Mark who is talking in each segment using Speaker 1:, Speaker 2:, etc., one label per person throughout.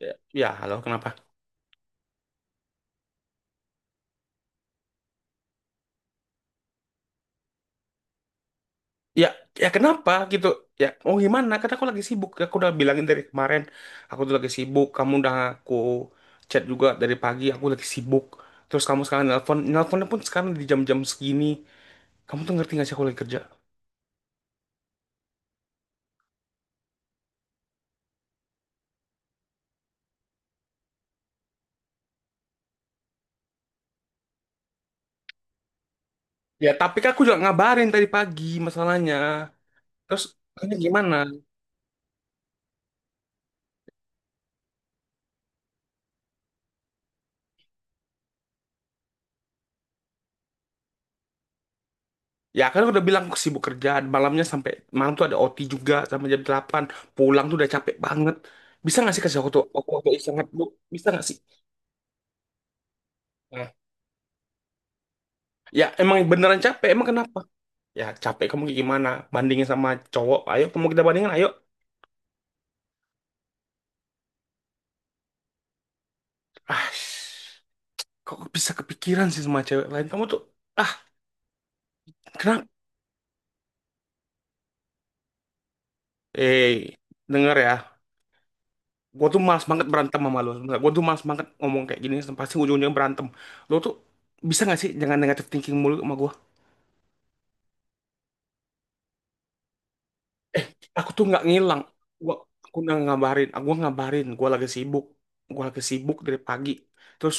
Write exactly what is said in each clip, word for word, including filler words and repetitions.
Speaker 1: Ya, ya, halo, kenapa? Ya, ya, kenapa gitu? Ya, oh, gimana, kata aku lagi sibuk, aku udah bilangin dari kemarin. Aku tuh lagi sibuk, kamu udah, aku chat juga dari pagi, aku lagi sibuk. Terus kamu sekarang nelpon, nelponnya pun sekarang di jam-jam segini. Kamu tuh ngerti gak sih aku lagi kerja? Ya tapi kan aku juga ngabarin tadi pagi masalahnya. Terus ini gimana? Ya kan aku udah bilang aku sibuk kerja, malamnya sampai malam tuh ada O T juga sampai jam delapan. Pulang tuh udah capek banget, bisa gak sih kasih aku tuh aku waktu istirahat bu? Bisa gak sih? Nah, ya emang beneran capek, emang kenapa? Ya capek kamu kayak gimana? Bandingin sama cowok, ayo kamu kita bandingin, ayo. Ah, kok bisa kepikiran sih sama cewek lain? Kamu tuh, ah, kenapa? Eh, denger ya, gue tuh malas banget berantem sama lo. Gue tuh malas banget ngomong kayak gini, pasti ujung-ujungnya berantem. Lo tuh bisa gak sih jangan negatif thinking mulu sama gue? Eh, aku tuh nggak ngilang, gua, aku udah ngabarin, aku ngabarin gua lagi sibuk. Gua lagi sibuk dari pagi. Terus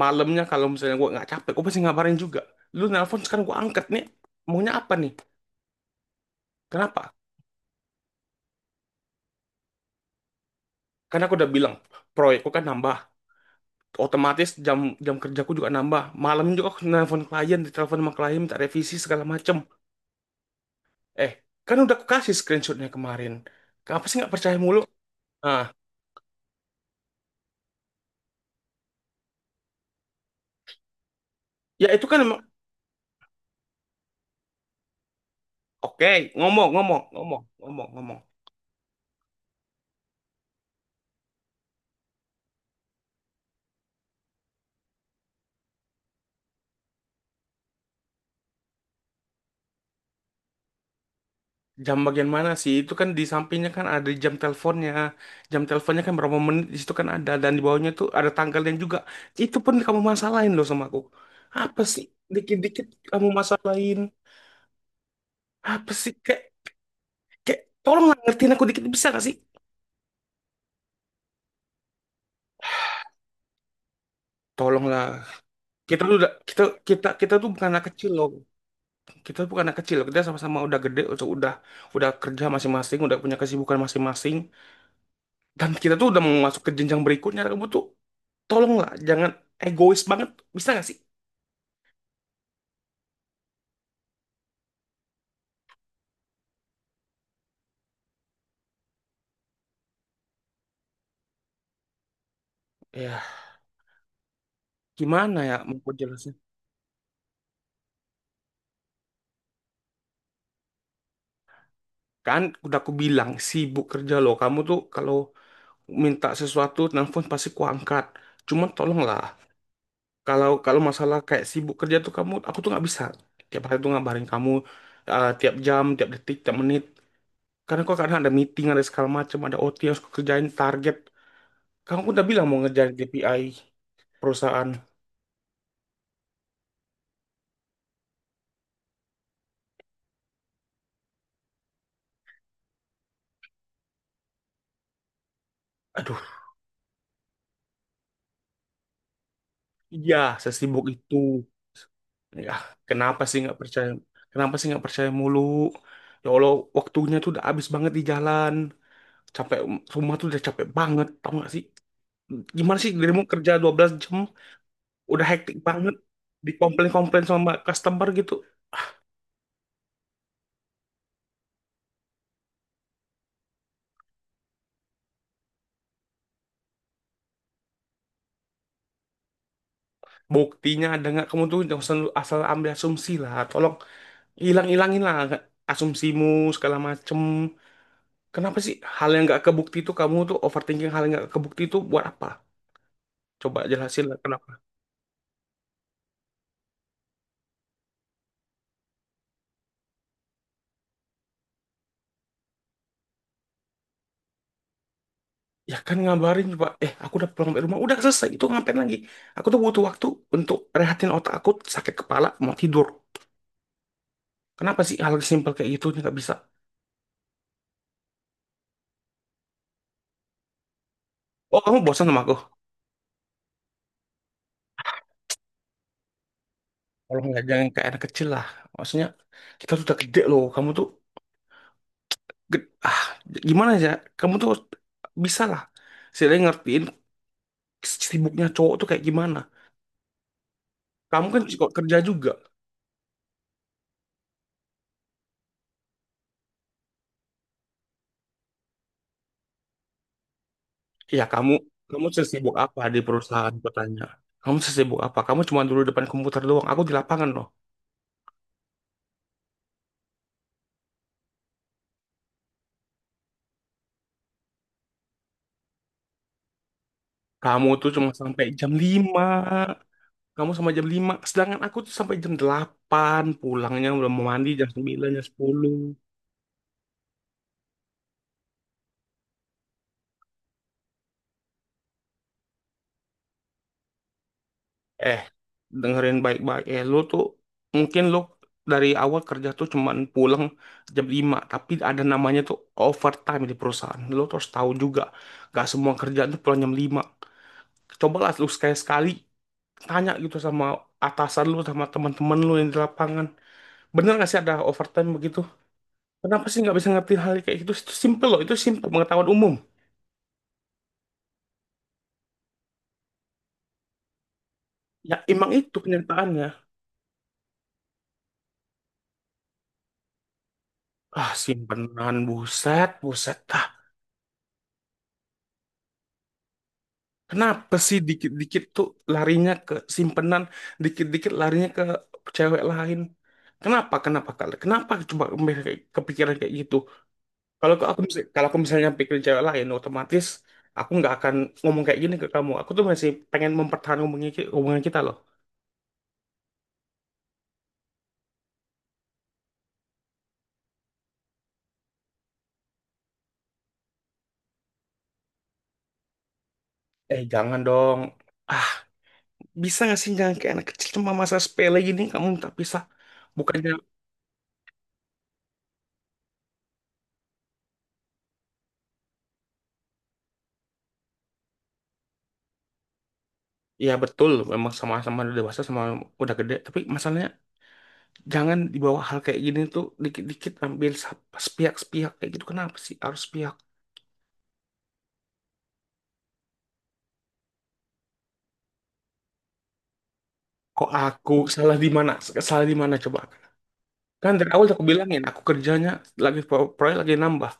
Speaker 1: malamnya kalau misalnya gua nggak capek gua pasti ngabarin juga. Lu nelpon sekarang gua angkat nih, maunya apa nih, kenapa? Karena aku udah bilang proyekku kan nambah, otomatis jam jam kerjaku juga nambah, malam juga aku nelpon klien, ditelepon sama klien minta revisi segala macem. Eh, kan udah aku kasih screenshotnya kemarin, kenapa sih nggak percaya mulu? Ah, ya itu kan emang. Oke, ngomong, ngomong, ngomong, ngomong, ngomong. Jam bagian mana sih? Itu kan di sampingnya kan ada jam teleponnya. Jam teleponnya kan berapa menit di situ kan ada, dan di bawahnya tuh ada tanggalnya juga. Itu pun kamu masalahin loh sama aku. Apa sih? Dikit-dikit kamu masalahin. Apa sih? Kayak kayak tolonglah ngertiin aku dikit, bisa gak sih? Tolonglah. Kita tuh udah kita kita kita tuh bukan anak kecil loh. Kita tuh bukan anak kecil loh. Kita sama-sama udah gede, udah udah udah kerja masing-masing, udah punya kesibukan masing-masing. Dan kita tuh udah mau masuk ke jenjang berikutnya. Kamu tuh tolonglah jangan egois banget, bisa nggak sih? Ya gimana ya mau aku jelasin? Kan udah aku bilang sibuk kerja loh, kamu tuh kalau minta sesuatu nelfon pasti kuangkat, cuman tolonglah. Kalau kalau masalah kayak sibuk kerja tuh kamu, aku tuh nggak bisa tiap hari tuh ngabarin kamu, eh, tiap jam tiap detik tiap menit, karena kok kadang ada meeting ada segala macam ada O T yang harus aku kerjain target. Kamu udah bilang mau ngerjain K P I perusahaan. Aduh. Iya, sesibuk itu. Ya, kenapa sih nggak percaya? Kenapa sih nggak percaya mulu? Ya Allah, waktunya tuh udah habis banget di jalan. Capek, rumah tuh udah capek banget, tau nggak sih? Gimana sih dirimu kerja dua belas jam, udah hektik banget. Dikomplain-komplain sama customer gitu. Buktinya ada nggak? Kamu tuh jangan asal asal ambil asumsi lah. Tolong hilang-hilangin lah asumsimu segala macem. Kenapa sih hal yang nggak kebukti itu kamu tuh overthinking, hal yang nggak kebukti itu buat apa? Coba jelasin lah kenapa. Ya kan ngabarin coba, eh, aku udah pulang dari rumah, udah selesai, itu ngapain lagi? Aku tuh butuh waktu untuk rehatin otak aku, sakit kepala, mau tidur. Kenapa sih hal simpel kayak gitu nggak bisa? Oh, kamu bosan sama aku? Kalau nggak jangan kayak anak kecil lah. Maksudnya kita tuh udah gede loh, kamu tuh ged- ah gimana ya? Kamu tuh bisa lah. Saya ngertiin sibuknya cowok tuh kayak gimana. Kamu kan juga kerja juga. Ya kamu kamu sesibuk apa di perusahaan bertanya. Kamu sesibuk apa? Kamu cuma dulu depan komputer doang. Aku di lapangan loh. Kamu tuh cuma sampai jam lima. Kamu sama jam lima, sedangkan aku tuh sampai jam delapan. Pulangnya udah mau mandi jam sembilan, jam sepuluh. Eh, dengerin baik-baik. Eh, lu tuh mungkin lu dari awal kerja tuh cuman pulang jam lima. Tapi ada namanya tuh overtime di perusahaan. Lu tuh harus tahu juga. Gak semua kerjaan tuh pulang jam lima. Cobalah lu sekali-sekali tanya gitu sama atasan lu sama teman-teman lu yang di lapangan, bener gak sih ada overtime begitu? Kenapa sih nggak bisa ngerti hal kayak gitu? Itu simple loh, itu simple pengetahuan umum. Ya emang itu kenyataannya. Ah, simpenan, buset, buset, ah! Kenapa sih dikit-dikit tuh larinya ke simpenan, dikit-dikit larinya ke cewek lain? Kenapa, kenapa kali, kenapa coba mereka kayak- kepikiran kayak gitu? Kalau ke- aku mis- kalau aku misalnya pikirin cewek lain, otomatis aku nggak akan ngomong kayak gini ke kamu. Aku tuh masih pengen mempertahankan hubungan ki- hubungan kita loh. Eh, jangan dong. Ah, bisa nggak sih jangan kayak anak kecil, cuma masa sepele gini kamu minta pisah? Bukannya. Ya betul memang sama-sama udah dewasa, sama udah gede. Tapi masalahnya jangan dibawa hal kayak gini tuh dikit-dikit ambil sa- sepihak-sepihak kayak gitu. Kenapa sih harus sepihak? Kok aku salah di mana? Salah di mana coba? Kan dari awal aku bilangin, aku kerjanya lagi pro- proyek lagi nambah,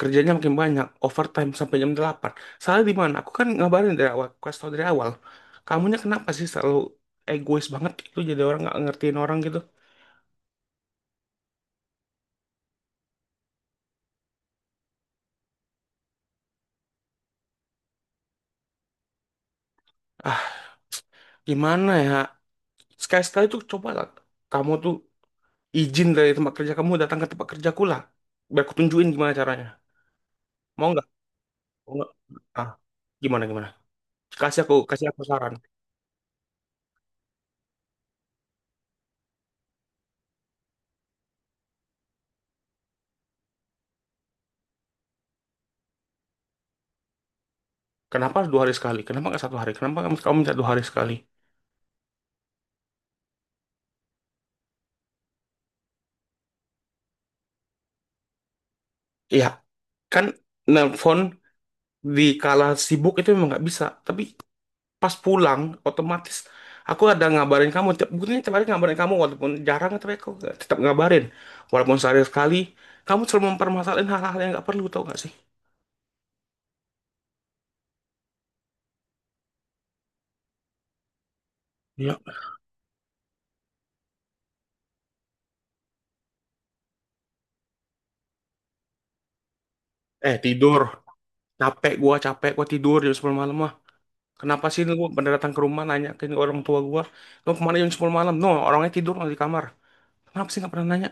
Speaker 1: kerjanya makin banyak, overtime sampai jam delapan. Salah di mana? Aku kan ngabarin dari awal, aku kasih tau dari awal. Kamunya kenapa sih selalu egois banget gitu, jadi orang nggak ngertiin orang gitu? Ah, gimana ya? Sekali-sekali tuh coba lah, kamu tuh izin dari tempat kerja kamu datang ke tempat kerjaku lah. Biar aku tunjukin gimana caranya. Mau nggak? Mau nggak? Ah, gimana gimana? Kasih aku, kasih aku saran. Kenapa harus dua hari sekali? Kenapa nggak satu hari? Kenapa kamu kamu minta dua hari sekali? Ya, kan nelpon di kala sibuk itu memang nggak bisa, tapi pas pulang otomatis aku ada ngabarin kamu tiap, bukannya tiap hari ngabarin kamu, walaupun jarang tapi aku tetap ngabarin walaupun sehari sekali. Kamu selalu mempermasalahin hal-hal yang nggak perlu, tau gak sih? Iya. Eh, tidur, capek gua, capek gua tidur jam sepuluh malam mah. Kenapa sih lu bener datang ke rumah nanya ke orang tua gua lu kemana jam sepuluh malam? No, orangnya tidur di kamar. Kenapa sih nggak pernah nanya?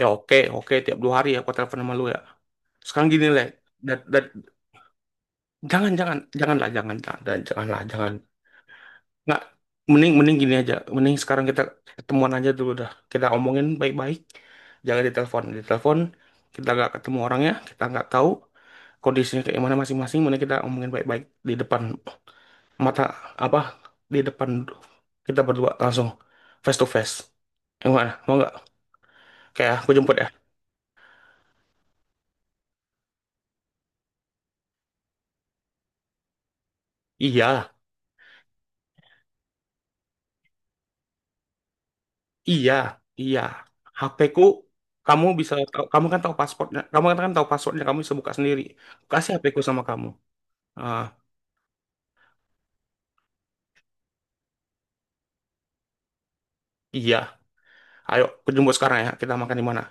Speaker 1: Ya, oke, oke, tiap dua hari ya aku telepon sama lu ya. Sekarang gini leh. Jangan, jangan, janganlah, jangan, jangan, janganlah, jangan. Nggak, mending, mending gini aja. Mending sekarang kita ketemuan aja dulu dah. Kita omongin baik-baik. Jangan ditelepon. Ditelepon, kita nggak ketemu orangnya, kita nggak tahu kondisinya kayak mana masing-masing. Mending kita omongin baik-baik di depan mata apa? Di depan kita berdua langsung face to face. Yang mana? Mau nggak? Kayak aku jemput ya? Iya. Iya, iya. HPku kamu bisa tahu, kamu kan tahu pasportnya, kamu kan tahu passwordnya, kamu bisa buka sendiri. Kasih HPku sama kamu. Ah, iya. Ayo, aku jemput sekarang ya. Kita makan di mana?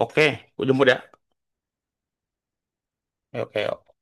Speaker 1: Oke, aku jemput ya. Oke, oke.